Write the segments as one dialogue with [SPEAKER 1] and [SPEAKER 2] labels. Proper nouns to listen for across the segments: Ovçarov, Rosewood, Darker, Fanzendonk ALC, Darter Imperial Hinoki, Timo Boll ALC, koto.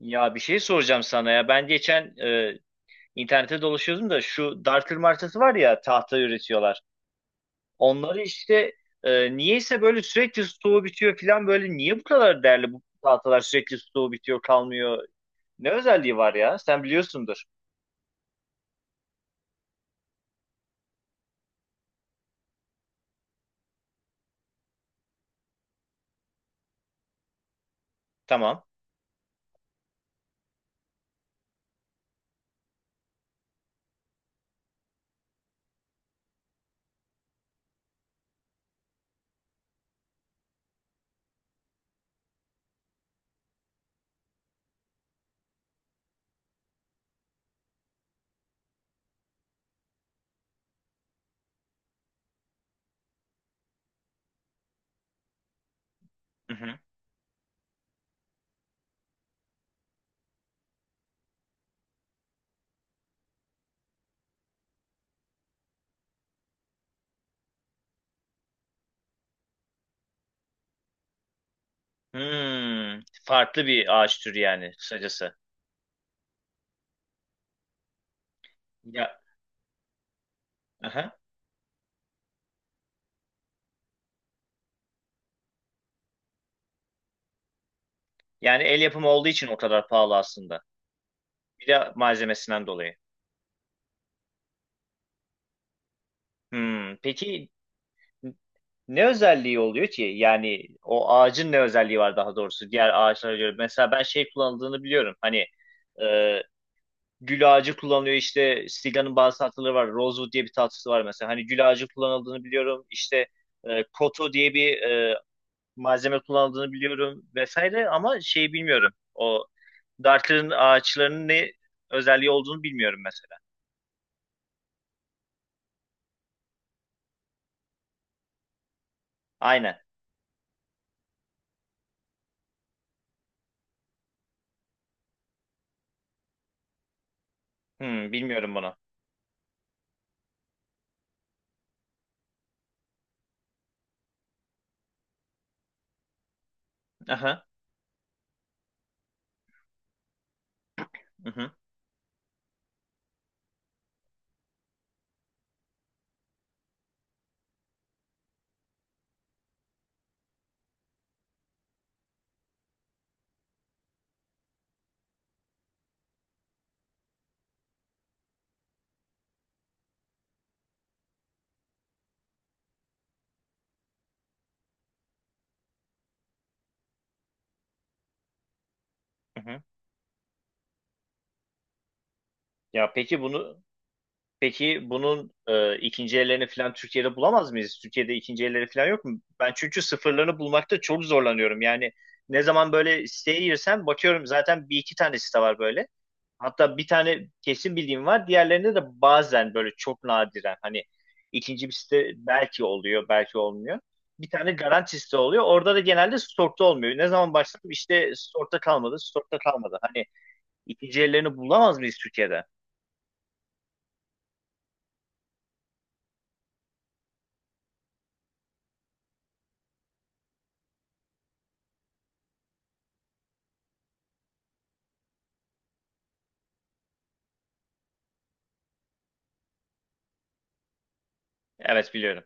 [SPEAKER 1] Ya bir şey soracağım sana ya. Ben geçen internette dolaşıyordum da şu dartır martası var ya, tahta üretiyorlar. Onları işte, niyeyse böyle sürekli stoğu bitiyor falan. Böyle niye bu kadar değerli bu tahtalar, sürekli stoğu bitiyor, kalmıyor. Ne özelliği var ya? Sen biliyorsundur. Tamam. Hı hı. Hmm, farklı bir ağaç türü yani kısacası. Ya, aha. Yani el yapımı olduğu için o kadar pahalı aslında. Bir de malzemesinden dolayı. Hmm, peki. Ne özelliği oluyor ki? Yani o ağacın ne özelliği var, daha doğrusu diğer ağaçlara göre? Mesela ben şey kullanıldığını biliyorum. Hani e, gül ağacı kullanılıyor işte, Siga'nın bazı tatlıları var. Rosewood diye bir tatlısı var mesela. Hani gül ağacı kullanıldığını biliyorum. İşte koto diye bir malzeme kullanıldığını biliyorum vesaire, ama şeyi bilmiyorum. O Darker'ın ağaçlarının ne özelliği olduğunu bilmiyorum mesela. Aynen. Hmm, bilmiyorum bunu. Aha. Hı hı. Hı hı. Ya peki bunu Peki bunun ikinci ellerini falan Türkiye'de bulamaz mıyız? Türkiye'de ikinci elleri falan yok mu? Ben çünkü sıfırlarını bulmakta çok zorlanıyorum. Yani ne zaman böyle siteye girsem bakıyorum, zaten bir iki tane site var böyle. Hatta bir tane kesin bildiğim var. Diğerlerinde de bazen böyle çok nadiren hani, ikinci bir site belki oluyor, belki olmuyor. Bir tane garanti site oluyor. Orada da genelde stokta olmuyor. Ne zaman başladım, işte stokta kalmadı, stokta kalmadı. Hani ikinci ellerini bulamaz mıyız Türkiye'de? Evet, biliyorum.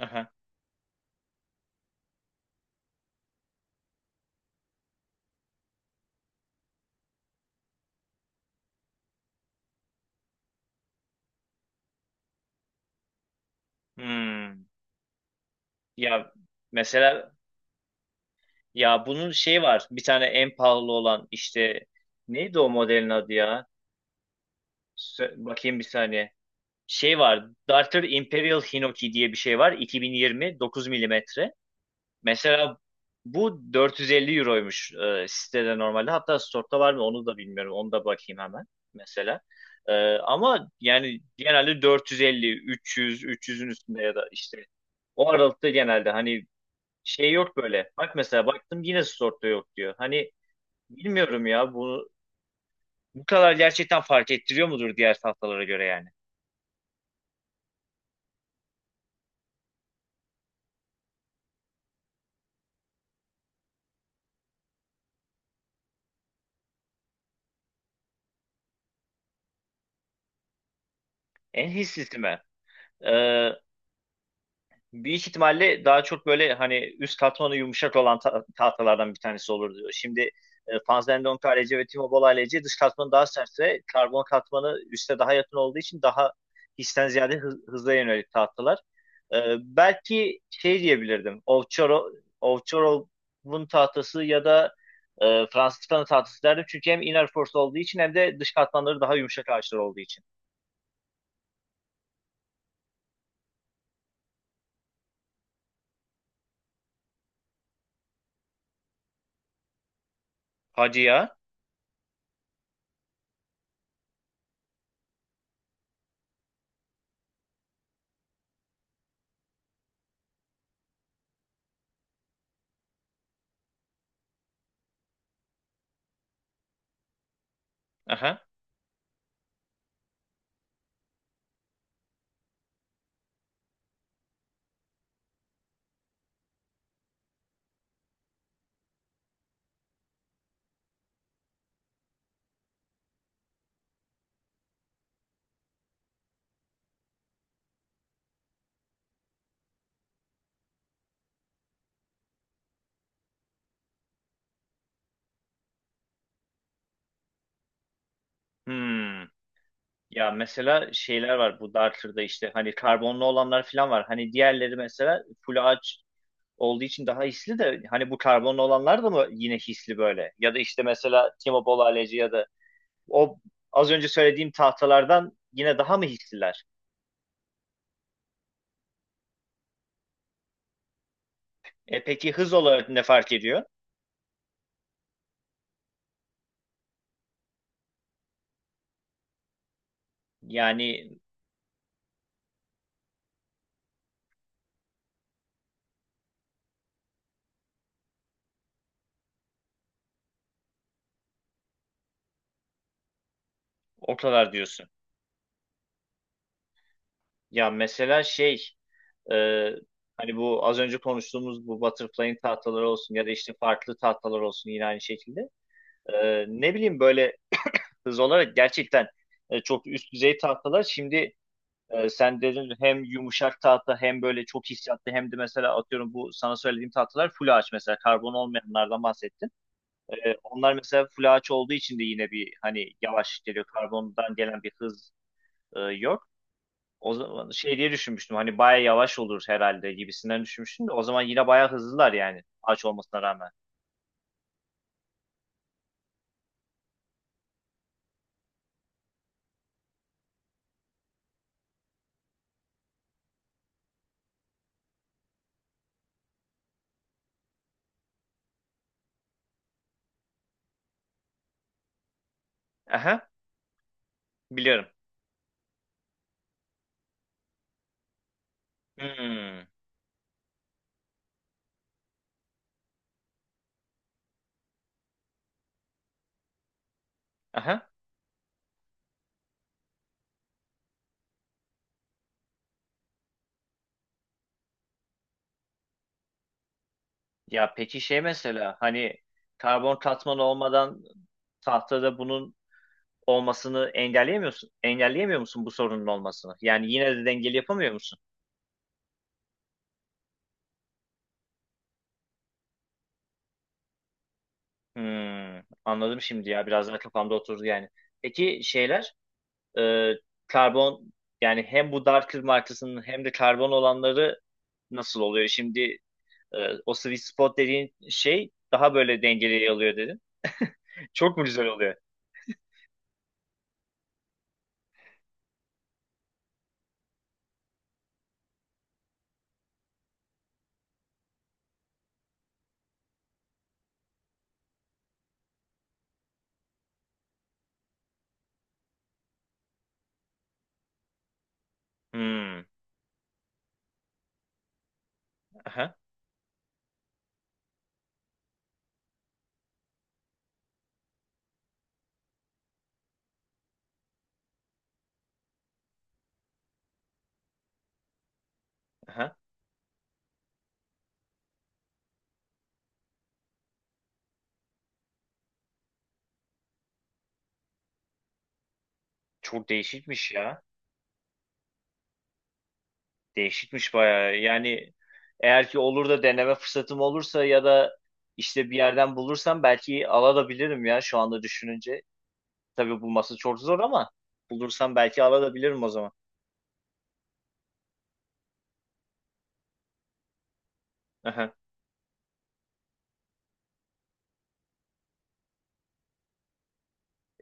[SPEAKER 1] Aha. Hmm. Ya mesela, ya bunun şeyi var. Bir tane en pahalı olan işte, neydi o modelin adı ya? Bakayım bir saniye. Şey var. Darter Imperial Hinoki diye bir şey var. 2020 9 milimetre. Mesela bu 450 euroymuş sitede normalde. Hatta store'da var mı onu da bilmiyorum. Onu da bakayım hemen mesela. E, ama yani genelde 450, 300, 300'ün üstünde ya da işte o aralıkta genelde hani, şey yok böyle. Bak, mesela baktım yine Sword'da yok diyor. Hani bilmiyorum ya bunu, bu kadar gerçekten fark ettiriyor mudur diğer tahtalara göre yani? En hissisi mi? Ee, Büyük ihtimalle daha çok böyle hani üst katmanı yumuşak olan tahtalardan bir tanesi olurdu. Şimdi Fanzendonk ALC ve Timo Boll ALC dış katmanı daha sertse, karbon katmanı üste daha yakın olduğu için daha histen ziyade hıza yönelik tahtalar. E, belki şey diyebilirdim. Ovçarov'un tahtası ya da Franciscan'ın tahtası derdim. Çünkü hem inner force olduğu için, hem de dış katmanları daha yumuşak ağaçlar olduğu için. Hadi ya. Aha. Hmm. Ya mesela şeyler var bu Darter'da, işte hani karbonlu olanlar falan var. Hani diğerleri mesela full ağaç olduğu için daha hisli de, hani bu karbonlu olanlar da mı yine hisli böyle? Ya da işte mesela Timo Bolaleci ya da o az önce söylediğim tahtalardan yine daha mı hisliler? E peki hız olarak ne fark ediyor? Yani o kadar diyorsun. Ya mesela şey e, hani bu az önce konuştuğumuz bu butterfly'in tahtaları olsun ya da işte farklı tahtalar olsun, yine aynı şekilde. Ne bileyim böyle hız olarak gerçekten çok üst düzey tahtalar. Şimdi sen dedin, hem yumuşak tahta hem böyle çok hissiyatlı, hem de mesela atıyorum bu sana söylediğim tahtalar full ağaç, mesela karbon olmayanlardan bahsettin. E, onlar mesela full ağaç olduğu için de yine, bir hani yavaş geliyor, karbondan gelen bir hız yok. O zaman şey diye düşünmüştüm, hani baya yavaş olur herhalde gibisinden düşünmüştüm de, o zaman yine baya hızlılar yani ağaç olmasına rağmen. Aha, biliyorum. Hmm. Aha. Ya peki şey mesela, hani karbon katman olmadan tahtada bunun olmasını engelleyemiyorsun. Engelleyemiyor musun bu sorunun olmasını? Yani yine de dengeli yapamıyor musun? Hmm, anladım şimdi, ya biraz daha kafamda oturdu yani. Peki şeyler e, karbon, yani hem bu dark kır markasının hem de karbon olanları nasıl oluyor? Şimdi e, o sweet spot dediğin şey daha böyle dengeli alıyor dedin. Çok mu güzel oluyor? Hmm, aha, aha. Çok değişikmiş ya. Değişikmiş bayağı. Yani eğer ki olur da deneme fırsatım olursa ya da işte bir yerden bulursam, belki alabilirim ya, şu anda düşününce. Tabii bulması çok zor ama bulursam, belki alabilirim o zaman. Aha.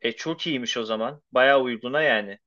[SPEAKER 1] E çok iyiymiş o zaman. Bayağı uyguna yani.